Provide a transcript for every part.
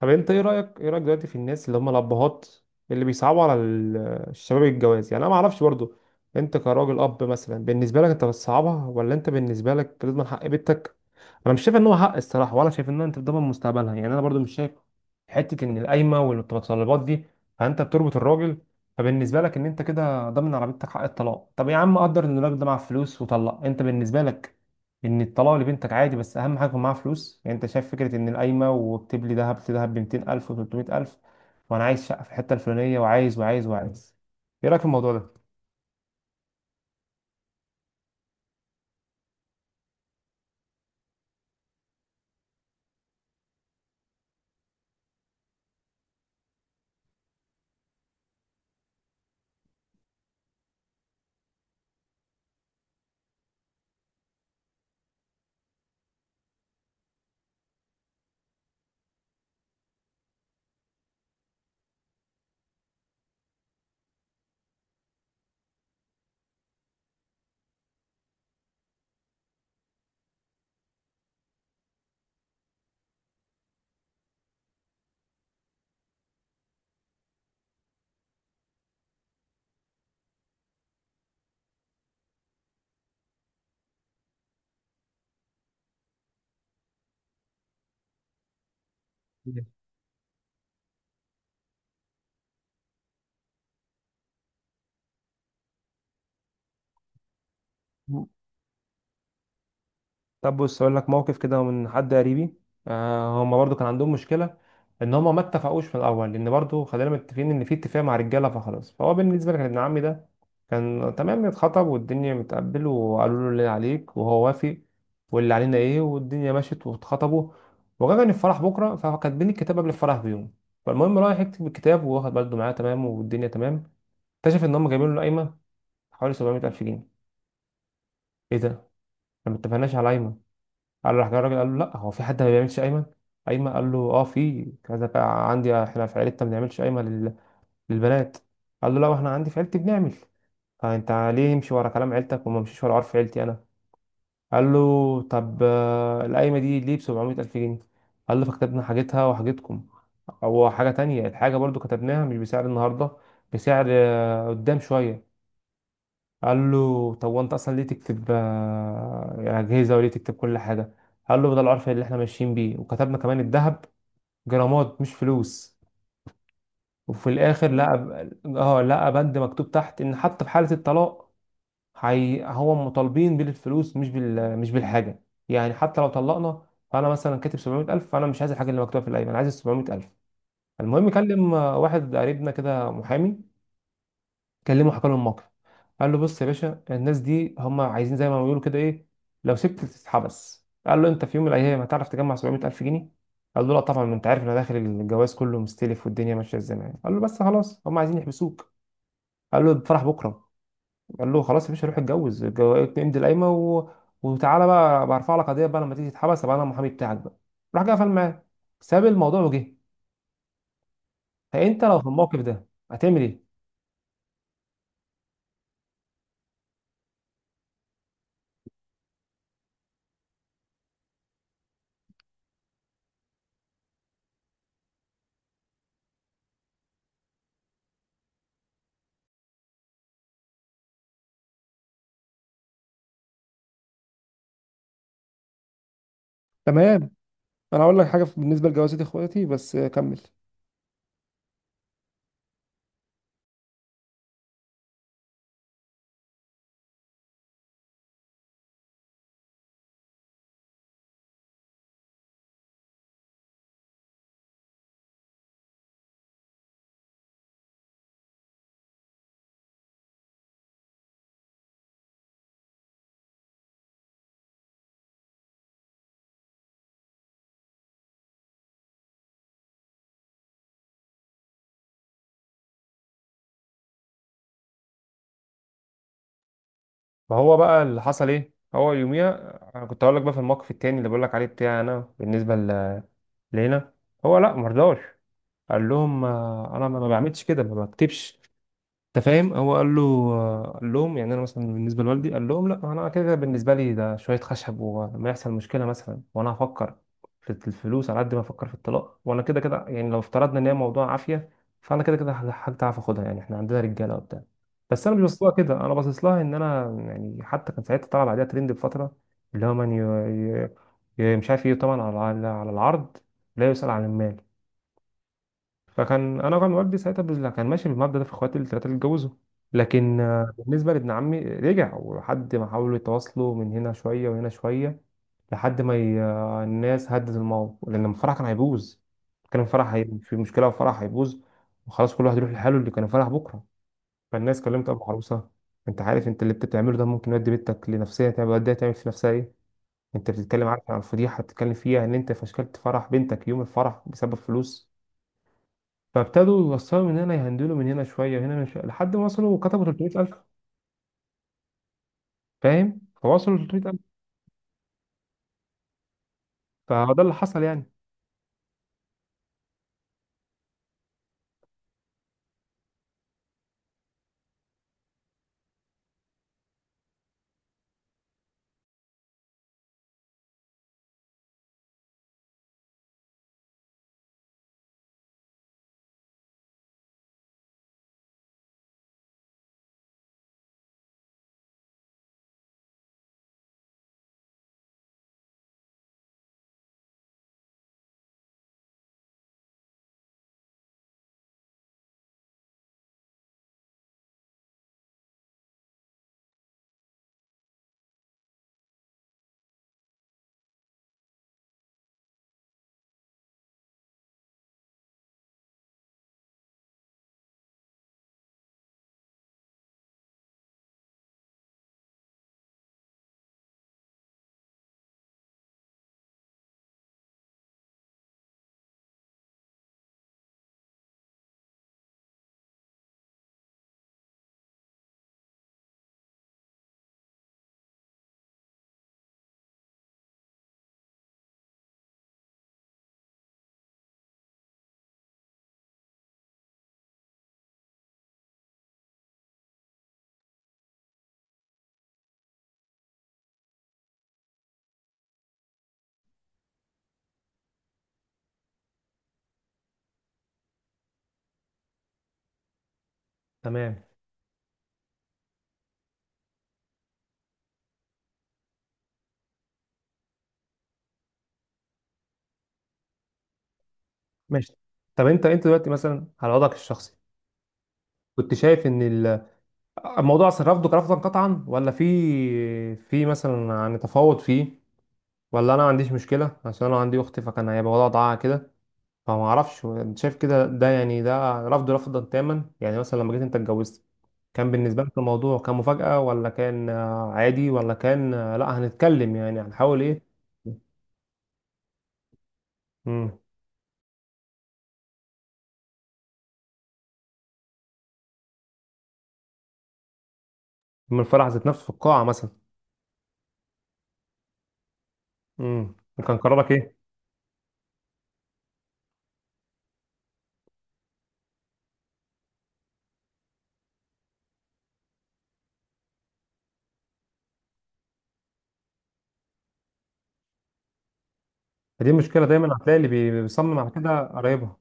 طب انت ايه رايك دلوقتي في الناس اللي هم الابهات اللي بيصعبوا على الشباب الجواز. يعني انا ما اعرفش برضو، انت كراجل اب مثلا بالنسبه لك انت بتصعبها ولا انت بالنسبه لك لازم حق بنتك. انا مش شايف ان هو حق الصراحه، ولا شايف ان انت بتضمن مستقبلها. يعني انا برضو مش شايف حته ان القايمه والمتطلبات دي، فانت بتربط الراجل. فبالنسبه لك ان انت كده ضامن على بنتك حق الطلاق، طب يا عم قدر ان الراجل ده معاه فلوس وطلق، انت بالنسبه لك ان الطلاق لبنتك عادي بس اهم حاجه يكون معاها فلوس. يعني انت شايف فكره ان القايمه وبتبلي لي دهب لدهب ب 200000 و300000، وانا عايز شقه في الحته الفلانيه وعايز وعايز وعايز، ايه رايك في الموضوع ده؟ طب بص اقول لك موقف كده من حد قريبي. آه هم برضو كان عندهم مشكله ان هم ما اتفقوش من الاول، لان برضو خلينا متفقين ان في اتفاق مع رجاله فخلاص. فهو بالنسبه لك ابن عمي ده كان تمام، اتخطب والدنيا متقبل، وقالوا له اللي عليك وهو وافق واللي علينا ايه، والدنيا مشت واتخطبوا، وجاء الفرح بكره فكاتبين الكتاب قبل الفرح بيوم. فالمهم رايح يكتب الكتاب وواخد برضه معاه تمام والدنيا تمام، اكتشف ان هم جايبين له قايمه حوالي 700 الف جنيه. ايه ده، ما اتفقناش على قايمه. قال راح جه الراجل قال له لا، هو في حد ما بيعملش قايمه؟ قايمه. قال له اه في كذا. بقى عندي احنا في عيلتنا ما بنعملش قايمه للبنات. قال له لا احنا عندي في عيلتي بنعمل. فانت ليه يمشي ورا كلام عيلتك وما مشيش ورا عرف عيلتي انا؟ قال له طب القايمه دي ليه ب 700 الف جنيه؟ قال له فكتبنا حاجتها وحاجتكم. هو حاجه تانية، الحاجه برضو كتبناها مش بسعر النهارده، بسعر قدام شويه. قال له طب وانت اصلا ليه تكتب اجهزه وليه تكتب كل حاجه؟ قال له ده العرف اللي احنا ماشيين بيه، وكتبنا كمان الذهب جرامات مش فلوس. وفي الاخر لقى اه لقى بند مكتوب تحت ان حتى في حاله الطلاق هي هو مطالبين بالفلوس مش بال مش بالحاجه. يعني حتى لو طلقنا فانا مثلا كاتب 700000، فانا مش عايز الحاجه اللي مكتوبه في الايمان، انا عايز ال 700000. المهم كلم واحد قريبنا كده محامي، كلمه حكى له الموقف. قال له بص يا باشا، الناس دي هم عايزين زي ما بيقولوا كده ايه، لو سبت تتحبس. قال له انت في يوم من الايام هتعرف تجمع 700 الف جنيه؟ قال له لا طبعا، ما انت عارف انا داخل الجواز كله مستلف، والدنيا ماشيه ازاي معايا. قال له بس خلاص هم عايزين يحبسوك. قال له الفرح بكره. قال له خلاص يا باشا، روح اتجوز، امضي القايمه و... وتعالى بقى برفع لك قضيه بقى، لما تيجي تتحبس ابقى انا المحامي بتاعك بقى. راح جه قفل معاه، ساب الموضوع وجه. فانت لو في الموقف ده هتعمل ايه؟ تمام. انا اقول لك حاجه بالنسبه لجوازات اخواتي، بس كمل. ما هو بقى اللي حصل ايه، هو يوميها انا كنت هقول لك بقى في الموقف التاني اللي بقول لك عليه بتاعي انا، بالنسبه لينا. هو لا مرضاش، قال لهم انا ما بعملش كده ما بكتبش. انت فاهم هو قال له قال لهم يعني انا مثلا بالنسبه لوالدي، قال لهم لا انا كده كده بالنسبه لي ده شويه خشب، ولما يحصل مشكله مثلا، وانا هفكر في الفلوس على قد ما افكر في الطلاق، وانا كده كده يعني لو افترضنا ان هي موضوع عافيه، فانا كده كده حاجه تعرف اخدها، يعني احنا عندنا رجاله وبتاع. بس انا مش باصص لها كده، انا باصص لها ان انا يعني. حتى كان ساعتها طلع بعدها ترند بفتره، اللي هو من مش عارف ايه، طبعا على العرض، لا يسال عن المال. فكان انا كان والدي ساعتها كان ماشي بالمبدأ ده في اخواتي الثلاثه اللي اتجوزوا. لكن بالنسبه لابن عمي رجع، ولحد ما حاولوا يتواصلوا من هنا شويه وهنا شويه، لحد ما ي... آه، الناس هدت الموضوع، لان الفرح كان هيبوظ. كان الفرح في مشكله وفرح هيبوظ، وخلاص كل واحد يروح لحاله، اللي كان الفرح بكره. فالناس كلمت ابو عروسه، انت عارف انت اللي بتعمله ده ممكن يودي بنتك لنفسيه تعمل، وديها تعمل في نفسها ايه. انت بتتكلم عارف عن الفضيحه، بتتكلم فيها ان انت فشكلت فرح بنتك يوم الفرح بسبب فلوس. فابتدوا يوصلوا من هنا، يهندلوا من هنا شويه وهنا من شويه، لحد ما وصلوا وكتبوا 300000. فاهم، فوصلوا 300000. فهو ده اللي حصل يعني. تمام ماشي. طب انت انت دلوقتي مثلا على وضعك الشخصي كنت شايف ان الموضوع اصلا رفضك رفضا قطعا، ولا في مثلا يعني تفاوض فيه، ولا انا ما عنديش مشكله عشان انا عندي اختي فكان هيبقى وضعها كده؟ فما اعرفش انت شايف كده ده، يعني ده رفض رفضا تاما؟ يعني مثلا لما جيت انت اتجوزت كان بالنسبة لك الموضوع كان مفاجأة، ولا كان عادي، ولا كان لا هنتكلم يعني هنحاول ايه؟ امم. من الفرح ذات نفسه في القاعة مثلا؟ امم. وكان قرارك ايه؟ فدي المشكلة دايما، هتلاقي اللي بيصمم على كده قرايبها.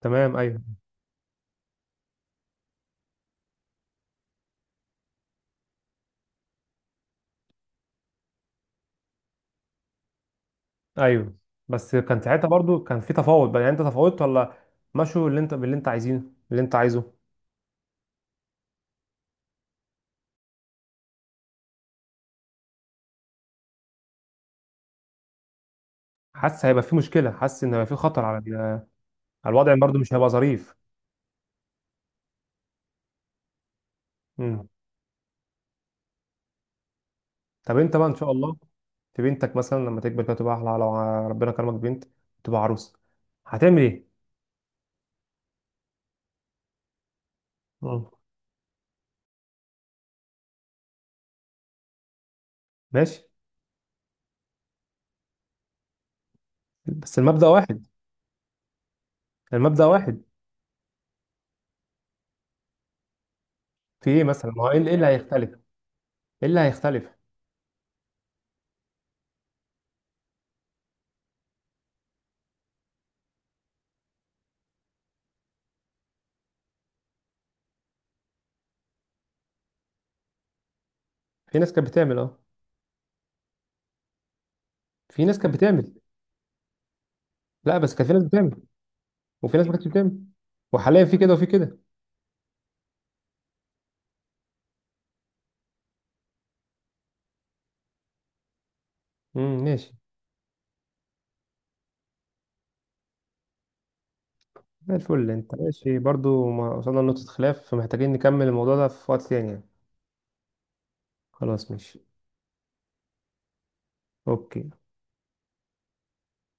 تمام ايوه. ايوه بس كان ساعتها برضو كان في تفاوض بقى، يعني انت تفاوضت ولا مشوا اللي انت باللي انت عايزينه اللي انت عايزه؟ حاسس هيبقى في مشكلة، حاسس ان هيبقى في خطر على على الوضع، برضو مش هيبقى ظريف. مم. طب انت بقى ان شاء الله في بنتك مثلا لما تكبر كده تبقى احلى، لو ربنا كرمك بنت تبقى عروسه هتعمل ايه؟ مم. ماشي. بس المبدأ واحد. المبدأ واحد. في ايه مثلا، ما هو ايه اللي هيختلف؟ ايه اللي هيختلف؟ في ناس كانت بتعمل اه. في ناس كانت بتعمل. لا بس كان في ناس بتعمل وفي ناس ما كانتش بتعمل. وحاليا في كده وفي كده. ماشي. زي الفل، انت ماشي برضو، ما وصلنا لنقطة خلاف، فمحتاجين نكمل الموضوع ده في وقت تاني يعني. خلاص ماشي. اوكي.